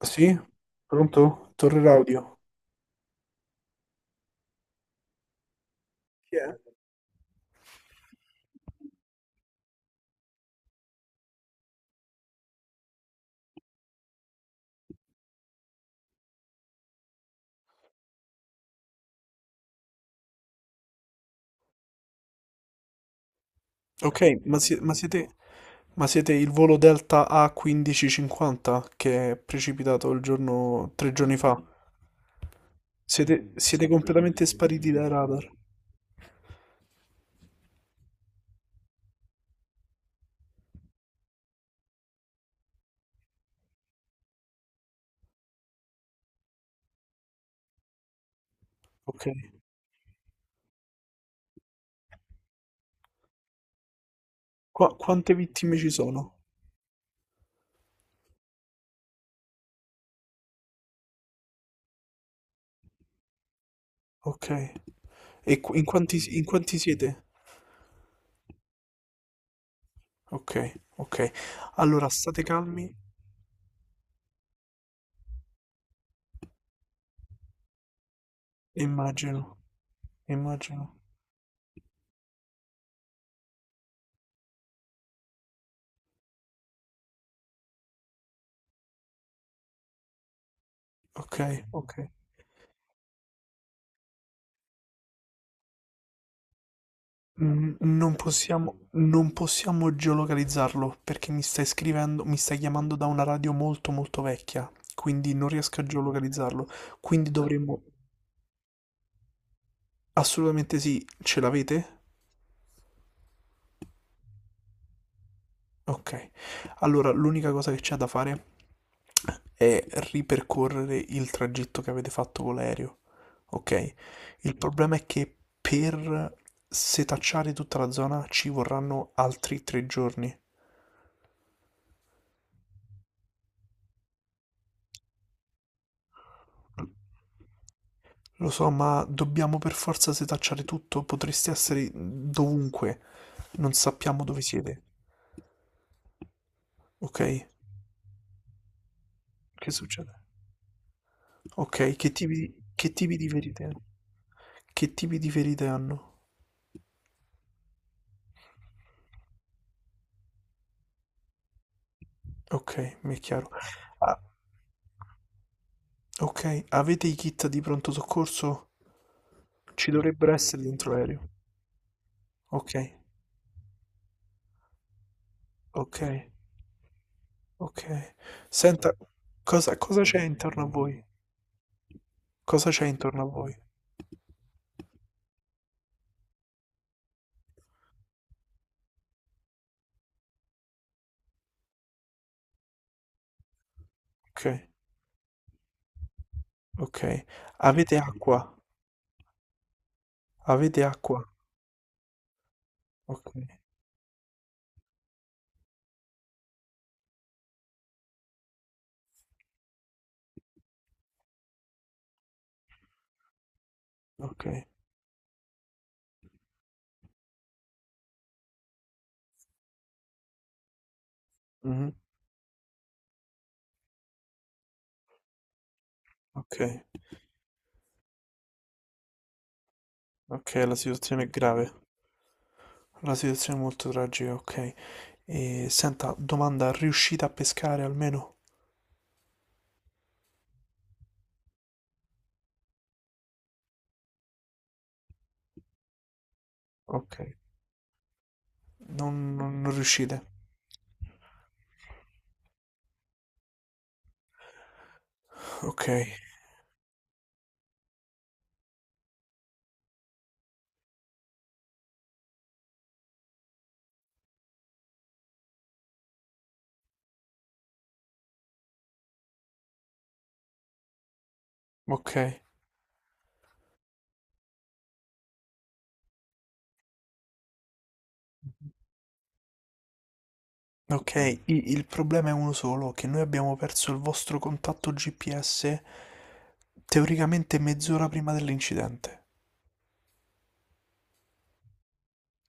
Sì? Pronto? Torre radio. Chi è? Ok, ma, ma siete il volo Delta A1550 che è precipitato il giorno, tre giorni fa? Siete, siete completamente spariti dai radar. Ok. Quante vittime ci sono? Ok. E in quanti siete? Ok, ok. Allora state calmi. Immagino, immagino. Ok, ok. Non possiamo, non possiamo geolocalizzarlo perché mi stai scrivendo, mi stai chiamando da una radio molto molto vecchia, quindi non riesco a geolocalizzarlo. Quindi dovremmo... Assolutamente sì, ce l'avete? Ok. Allora, l'unica cosa che c'è da fare è ripercorrere il tragitto che avete fatto con l'aereo. Ok? Il problema è che per setacciare tutta la zona ci vorranno altri tre giorni. Lo so, ma dobbiamo per forza setacciare tutto. Potreste essere dovunque. Non sappiamo dove siete. Ok? Che succede? Ok, che tipi di ferite? Che tipi di ferite hanno? Ok, mi è chiaro. Ah, ok, avete i kit di pronto soccorso? Ci dovrebbero essere dentro l'aereo. Ok, ok, ok. Senta, cosa, cosa c'è intorno a voi? Cosa c'è intorno a voi? Ok, ok. Avete acqua? Avete acqua? Okay, okay. Mh-mh. Okay, okay, la situazione è grave. La situazione è molto tragica, okay. E senta, domanda, riuscite a pescare almeno? Okay. Non non non riuscite. Okay, okay, okay. I Il problema è uno solo, che noi abbiamo perso il vostro contatto GPS teoricamente mezz'ora prima dell'incidente.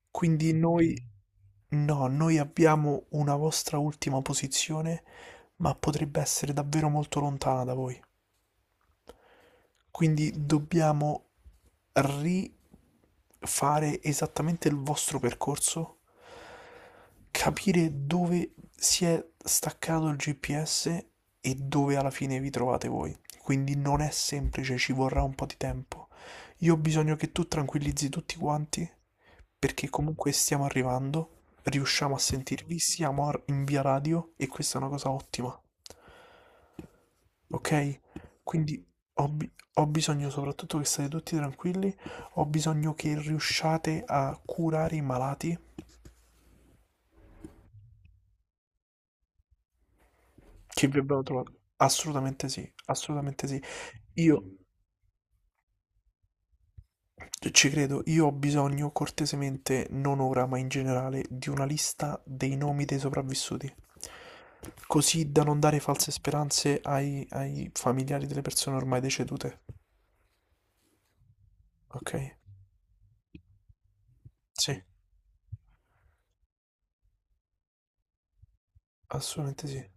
Quindi noi no, noi abbiamo una vostra ultima posizione, ma potrebbe essere davvero molto lontana da voi. Quindi dobbiamo rifare esattamente il vostro percorso, capire dove si è staccato il GPS e dove alla fine vi trovate voi. Quindi non è semplice, ci vorrà un po' di tempo. Io ho bisogno che tu tranquillizzi tutti quanti, perché comunque stiamo arrivando, riusciamo a sentirvi, siamo in via radio e questa è una cosa ottima, ok? Quindi ho bisogno soprattutto che state tutti tranquilli, ho bisogno che riusciate a curare i malati che vi abbiamo trovato. Assolutamente sì, assolutamente sì. Io ci credo, io ho bisogno cortesemente, non ora, ma in generale, di una lista dei nomi dei sopravvissuti. Così da non dare false speranze ai, ai familiari delle persone ormai decedute. Ok? Sì, assolutamente sì.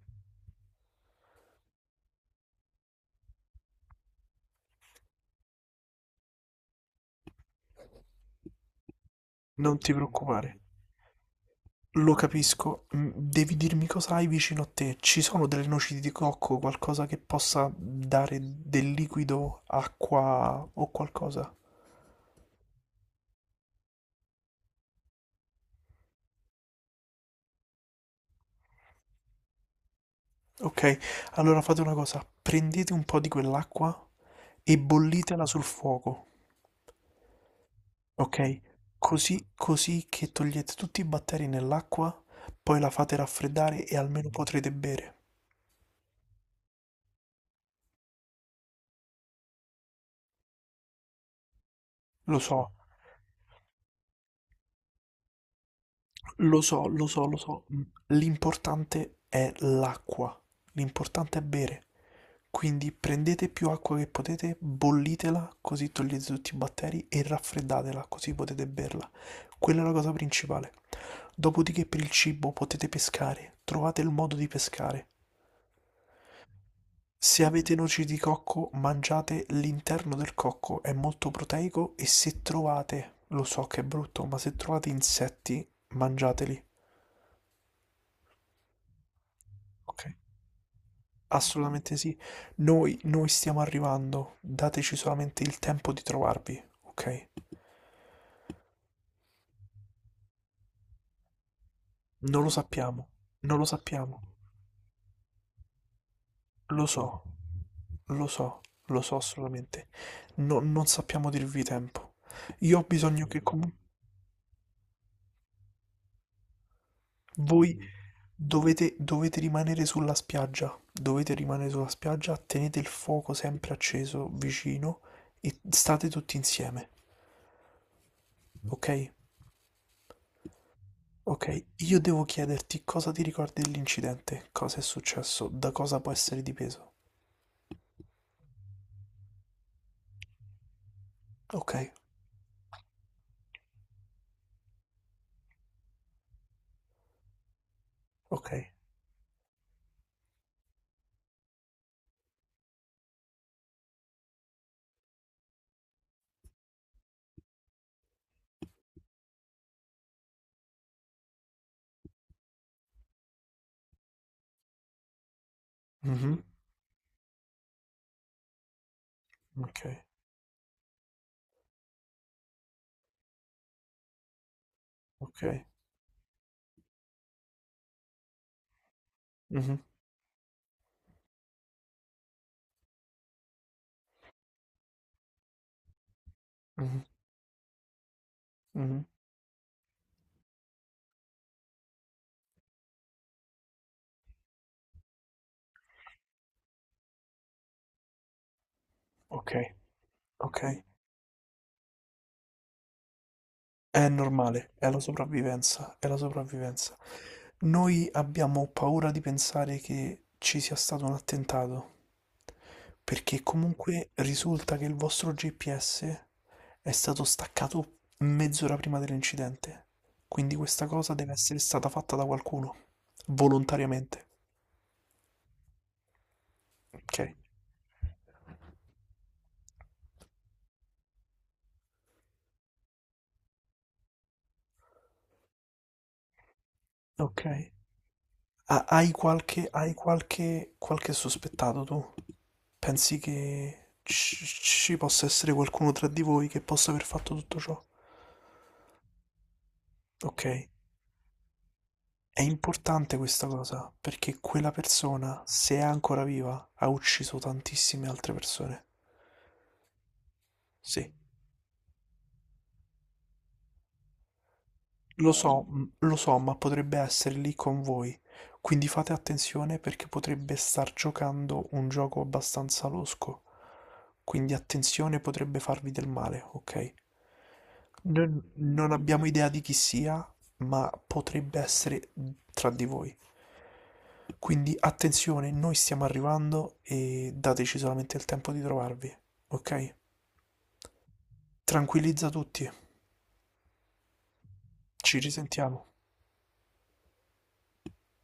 Non ti preoccupare. Lo capisco, mm, devi dirmi cosa hai vicino a te. Ci sono delle noci di cocco, qualcosa che possa dare del liquido, acqua o qualcosa? Ok, allora fate una cosa, prendete un po' di quell'acqua e bollitela sul fuoco, ok? Così, così che togliete tutti i batteri nell'acqua, poi la fate raffreddare e almeno potrete bere. Lo so, lo so, lo so, lo so. Mm, l'importante è l'acqua, l'importante è bere. Quindi prendete più acqua che potete, bollitela così togliete tutti i batteri e raffreddatela così potete berla. Quella è la cosa principale. Dopodiché per il cibo potete pescare, trovate il modo di pescare. Se avete noci di cocco, mangiate l'interno del cocco, è molto proteico e se trovate, lo so che è brutto, ma se trovate insetti, mangiateli. Ok? Assolutamente sì. Noi stiamo arrivando, dateci solamente il tempo di trovarvi, ok? Non lo sappiamo, non lo sappiamo, lo so, lo so, lo so assolutamente. Non sappiamo dirvi tempo. Io ho bisogno che comunque voi dovete, dovete rimanere sulla spiaggia, dovete rimanere sulla spiaggia, tenete il fuoco sempre acceso vicino e state tutti insieme, ok? Ok, io devo chiederti cosa ti ricordi dell'incidente, cosa è successo, da cosa può essere dipeso. Ok, ok. Mhm, ok, ok. Mhm, mhm. Mh-mh. Okay, okay. È normale, è la sopravvivenza, è la sopravvivenza. Noi abbiamo paura di pensare che ci sia stato un attentato, perché comunque risulta che il vostro GPS è stato staccato mezz'ora prima dell'incidente. Quindi questa cosa deve essere stata fatta da qualcuno, volontariamente. Okay, okay. Ha Hai qualche hai qualche qualche sospettato tu? Pensi che ci possa essere qualcuno tra di voi che possa aver fatto tutto ciò? Ok. È importante questa cosa, perché quella persona, se è ancora viva, ha ucciso tantissime altre persone. Sì. Lo so, lo so, ma potrebbe essere lì con voi. Quindi fate attenzione perché potrebbe star giocando un gioco abbastanza losco. Quindi attenzione, potrebbe farvi del male, ok? Non, non abbiamo idea di chi sia, ma potrebbe essere tra di voi. Quindi attenzione, noi stiamo arrivando e dateci solamente il tempo di trovarvi, ok? Tranquillizza tutti, ci risentiamo.